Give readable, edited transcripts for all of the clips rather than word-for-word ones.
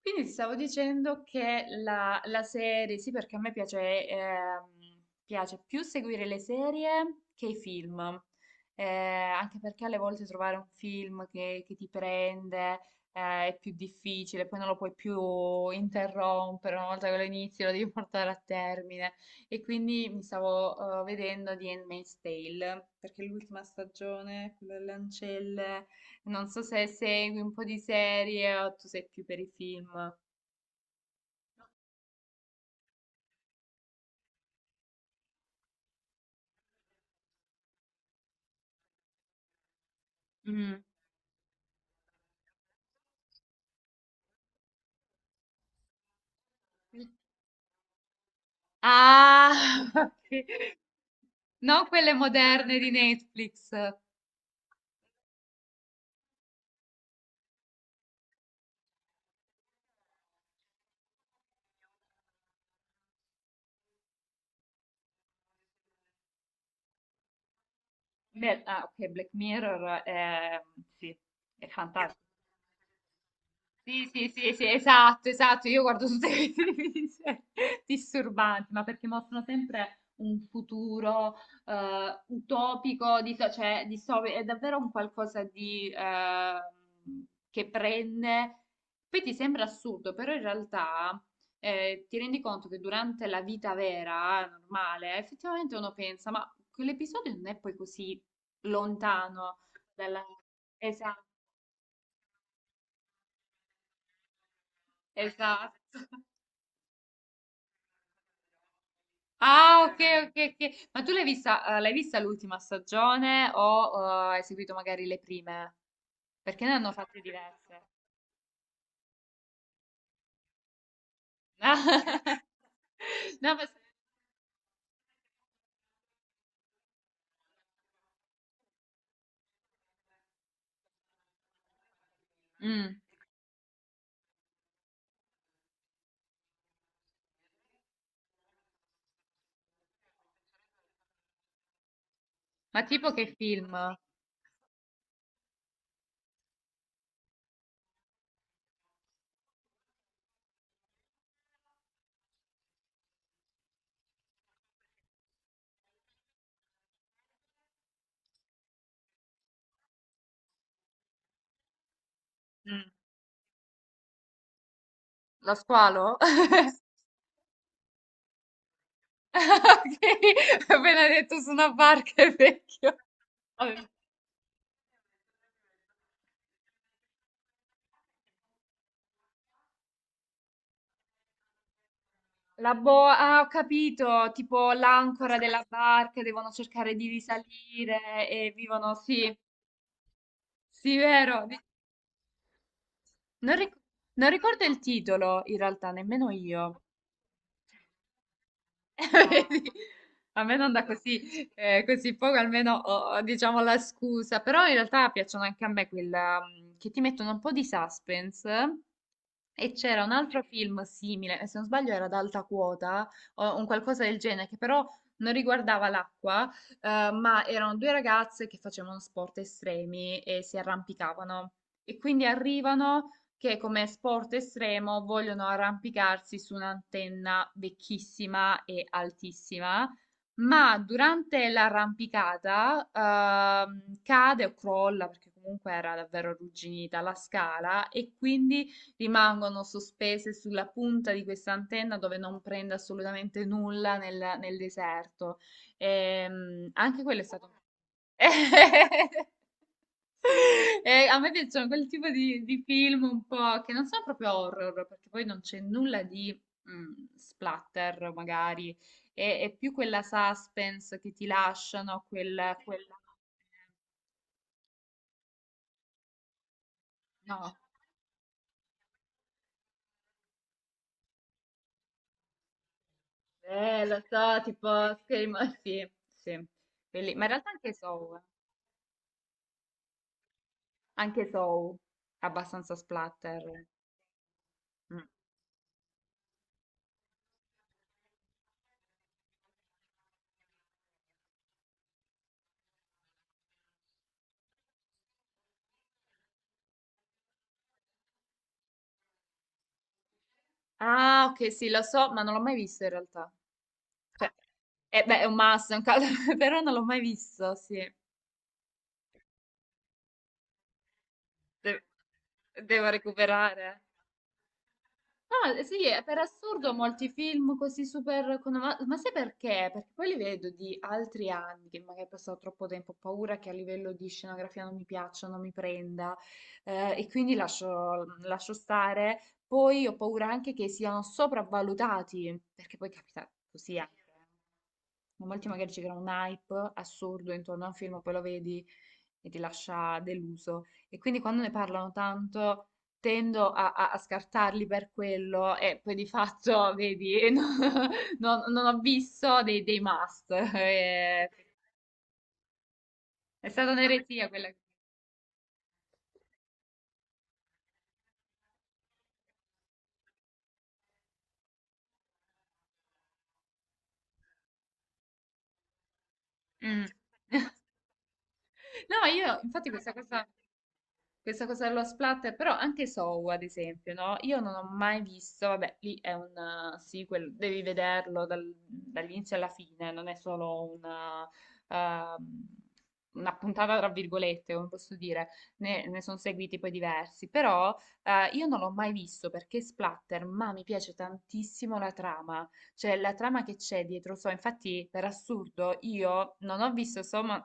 Quindi ti stavo dicendo che la serie, sì, perché a me piace, piace più seguire le serie che i film. Anche perché alle volte trovare un film che ti prende, è più difficile. Poi non lo puoi più interrompere, una volta che lo inizi lo devi portare a termine. E quindi mi stavo, vedendo di Handmaid's Tale, perché l'ultima stagione, quella delle ancelle. Non so se segui un po' di serie o tu sei più per i film. Mm. Ah, ok. Non quelle moderne di Netflix. Beh, ah, ok, Black Mirror è, sì, è fantastico. Sì, sì, sì, sì, esatto, esatto. Io guardo tutte queste serie disturbanti, ma perché mostrano sempre un futuro utopico, cioè distopico. È davvero un qualcosa di, che prende. Poi ti sembra assurdo, però in realtà ti rendi conto che durante la vita vera, normale, effettivamente uno pensa, ma quell'episodio non è poi così lontano dalla... Esatto, esatto. Ah, ok, ok, ok. Ma tu l'hai vista l'ultima stagione o hai seguito magari le prime? Perché ne hanno fatte diverse. No, ma... Mm. Ma tipo che film? Mm. Lo squalo? Ok, appena detto su una barca è vecchio. Vabbè. La boa, ah, ho capito, tipo l'ancora della barca, devono cercare di risalire e vivono, sì, sì, vero. Non, ric- Non ricordo il titolo, in realtà, nemmeno io. Vedi? A me non da così, così poco, almeno ho, diciamo, la scusa, però in realtà piacciono anche a me quella che ti mettono un po' di suspense. E c'era un altro film simile, se non sbaglio era ad alta quota o un qualcosa del genere, che però non riguardava l'acqua, ma erano due ragazze che facevano sport estremi e si arrampicavano. E quindi arrivano che come sport estremo vogliono arrampicarsi su un'antenna vecchissima e altissima, ma durante l'arrampicata, cade o crolla, perché comunque era davvero arrugginita la scala, e quindi rimangono sospese sulla punta di questa antenna dove non prende assolutamente nulla nel deserto. Anche quello è stato... E a me piacciono quel tipo di film un po' che non sono proprio horror, perché poi non c'è nulla di splatter, magari. È più quella suspense che ti lasciano, quella... No. Lo so, tipo Scream, sì, sì. Quelli- Ma in realtà anche Saw, eh. Anche Saw, è abbastanza splatter. Mm. Ah, ok, sì, lo so, ma non l'ho mai visto in realtà. Cioè, beh, è un must, è un caso, però non l'ho mai visto, sì. De- Devo recuperare. No, sì, per assurdo molti film così super... con- Ma sai perché? Perché poi li vedo di altri anni, che magari ho passato troppo tempo, ho paura che a livello di scenografia non mi piaccia, non mi prenda, e quindi lascio, lascio stare. Poi ho paura anche che siano sopravvalutati, perché poi capita così anche. Molti magari ci creano un hype assurdo intorno a un film, poi lo vedi e ti lascia deluso. E quindi quando ne parlano tanto tendo a, a scartarli per quello e poi di fatto, vedi, non, non ho visto dei, dei must. È, è stata un'eresia quella. Mm. No, io infatti questa cosa. Questa cosa dello splatter, però anche Saw, ad esempio, no? Io non ho mai visto, vabbè, lì è un sequel, devi vederlo dall'inizio alla fine, non è solo ehm, una puntata tra virgolette, come posso dire, ne sono seguiti poi diversi, però io non l'ho mai visto perché splatter, ma mi piace tantissimo la trama, cioè la trama che c'è dietro Saw. Infatti per assurdo io non ho visto Saw, ma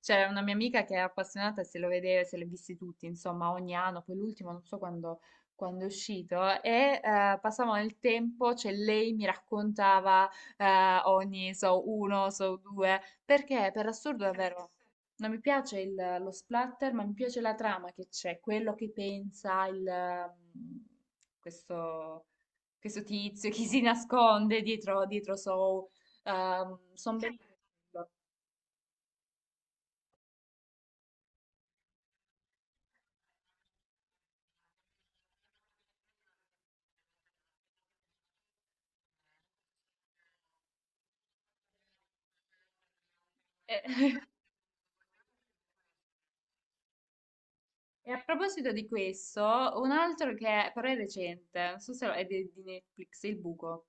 c'era una mia amica che è appassionata e se lo vedeva, se li ha visti tutti, insomma, ogni anno, poi l'ultimo non so quando, quando è uscito, e passavamo il tempo, cioè lei mi raccontava ogni, so, uno, so, due, perché per assurdo davvero non mi piace lo splatter, ma mi piace la trama che c'è, quello che pensa il, questo, questo tizio, chi si nasconde dietro, dietro so, sono bellissimo. E a proposito di questo, un altro che però è recente, non so se lo- è di Netflix, Il Buco,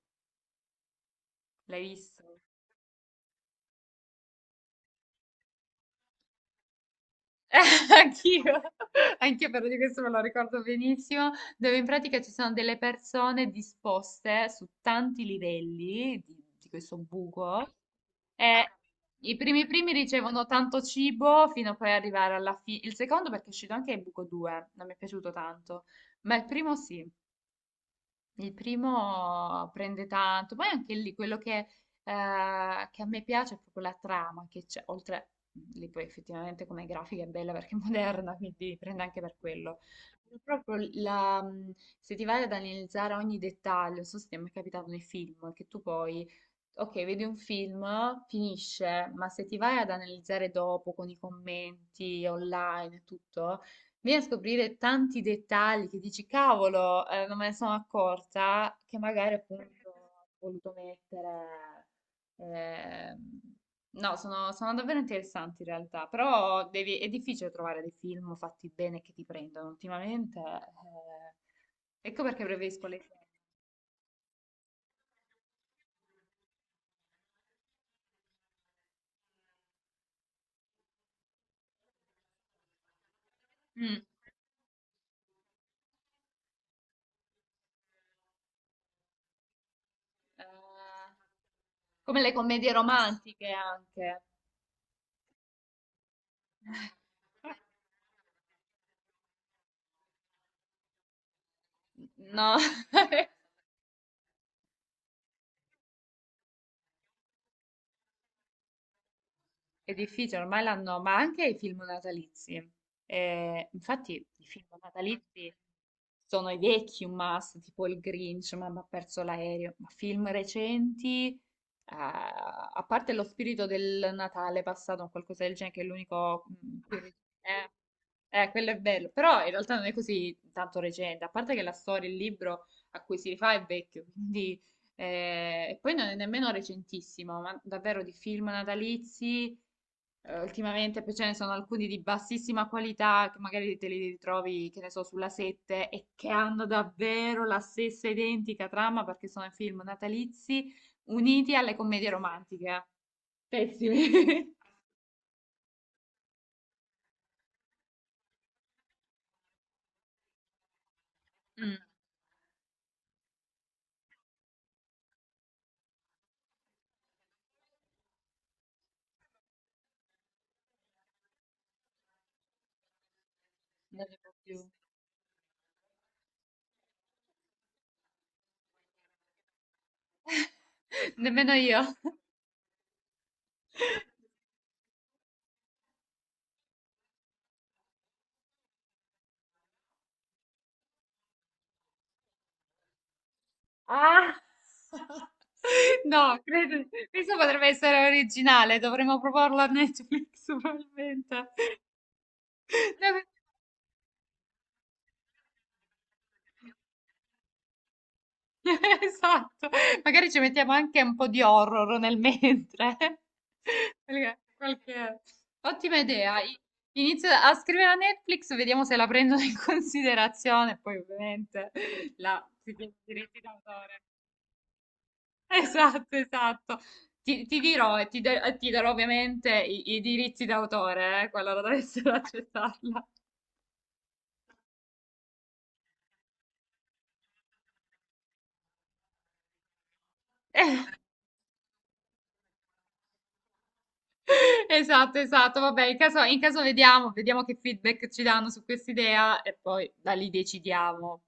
l'hai visto? Anch'io. Anche però di questo me lo ricordo benissimo, dove in pratica ci sono delle persone disposte su tanti livelli di questo buco e i primi ricevono tanto cibo fino a poi arrivare alla fine. Il secondo perché è uscito anche il buco 2, non mi è piaciuto tanto, ma il primo sì. Il primo prende tanto, poi anche lì quello che a me piace è proprio la trama che c'è, oltre lì poi effettivamente come grafica è bella perché è moderna, quindi prende anche per quello. Ma proprio la, se ti vai ad analizzare ogni dettaglio, non so se ti è mai capitato nei film, che tu poi, ok, vedi un film, finisce, ma se ti vai ad analizzare dopo con i commenti online e tutto, vieni a scoprire tanti dettagli che dici, cavolo, non me ne sono accorta, che magari appunto ho voluto mettere. ehm, No, sono, sono davvero interessanti in realtà, però è difficile trovare dei film fatti bene che ti prendono ultimamente. Ecco perché preferisco le serie. Mm. Eh, come le commedie romantiche anche. No, è difficile, ormai l'hanno, ma anche i film natalizi. Infatti i film natalizi sono i vecchi un must, tipo il Grinch, Mamma ha perso l'aereo, ma film recenti, a parte lo spirito del Natale passato o qualcosa del genere, che è l'unico... eh, quello è bello, però in realtà non è così tanto recente, a parte che la storia, il libro a cui si rifà è vecchio, quindi... e poi non è nemmeno recentissimo, ma davvero di film natalizi... ultimamente poi ce ne sono alcuni di bassissima qualità che magari te li ritrovi, che ne so, sulla 7 e che hanno davvero la stessa identica trama perché sono i film natalizi uniti alle commedie romantiche. Pessimi. Mm, non ne può più. Nemmeno io. Ah! No, credo, questo potrebbe essere originale, dovremmo proporlo a Netflix probabilmente. Esatto, magari ci mettiamo anche un po' di horror nel mentre. Perché qualche... Ottima idea. I- Inizio a scrivere a Netflix, vediamo se la prendono in considerazione, poi ovviamente la i diritti d'autore. Esatto, esatto. Ti dirò e ti, e ti darò ovviamente i, i diritti d'autore, qualora dovessero accettarla. Esatto, esatto. Vabbè, in caso vediamo, vediamo che feedback ci danno su quest'idea e poi da lì decidiamo.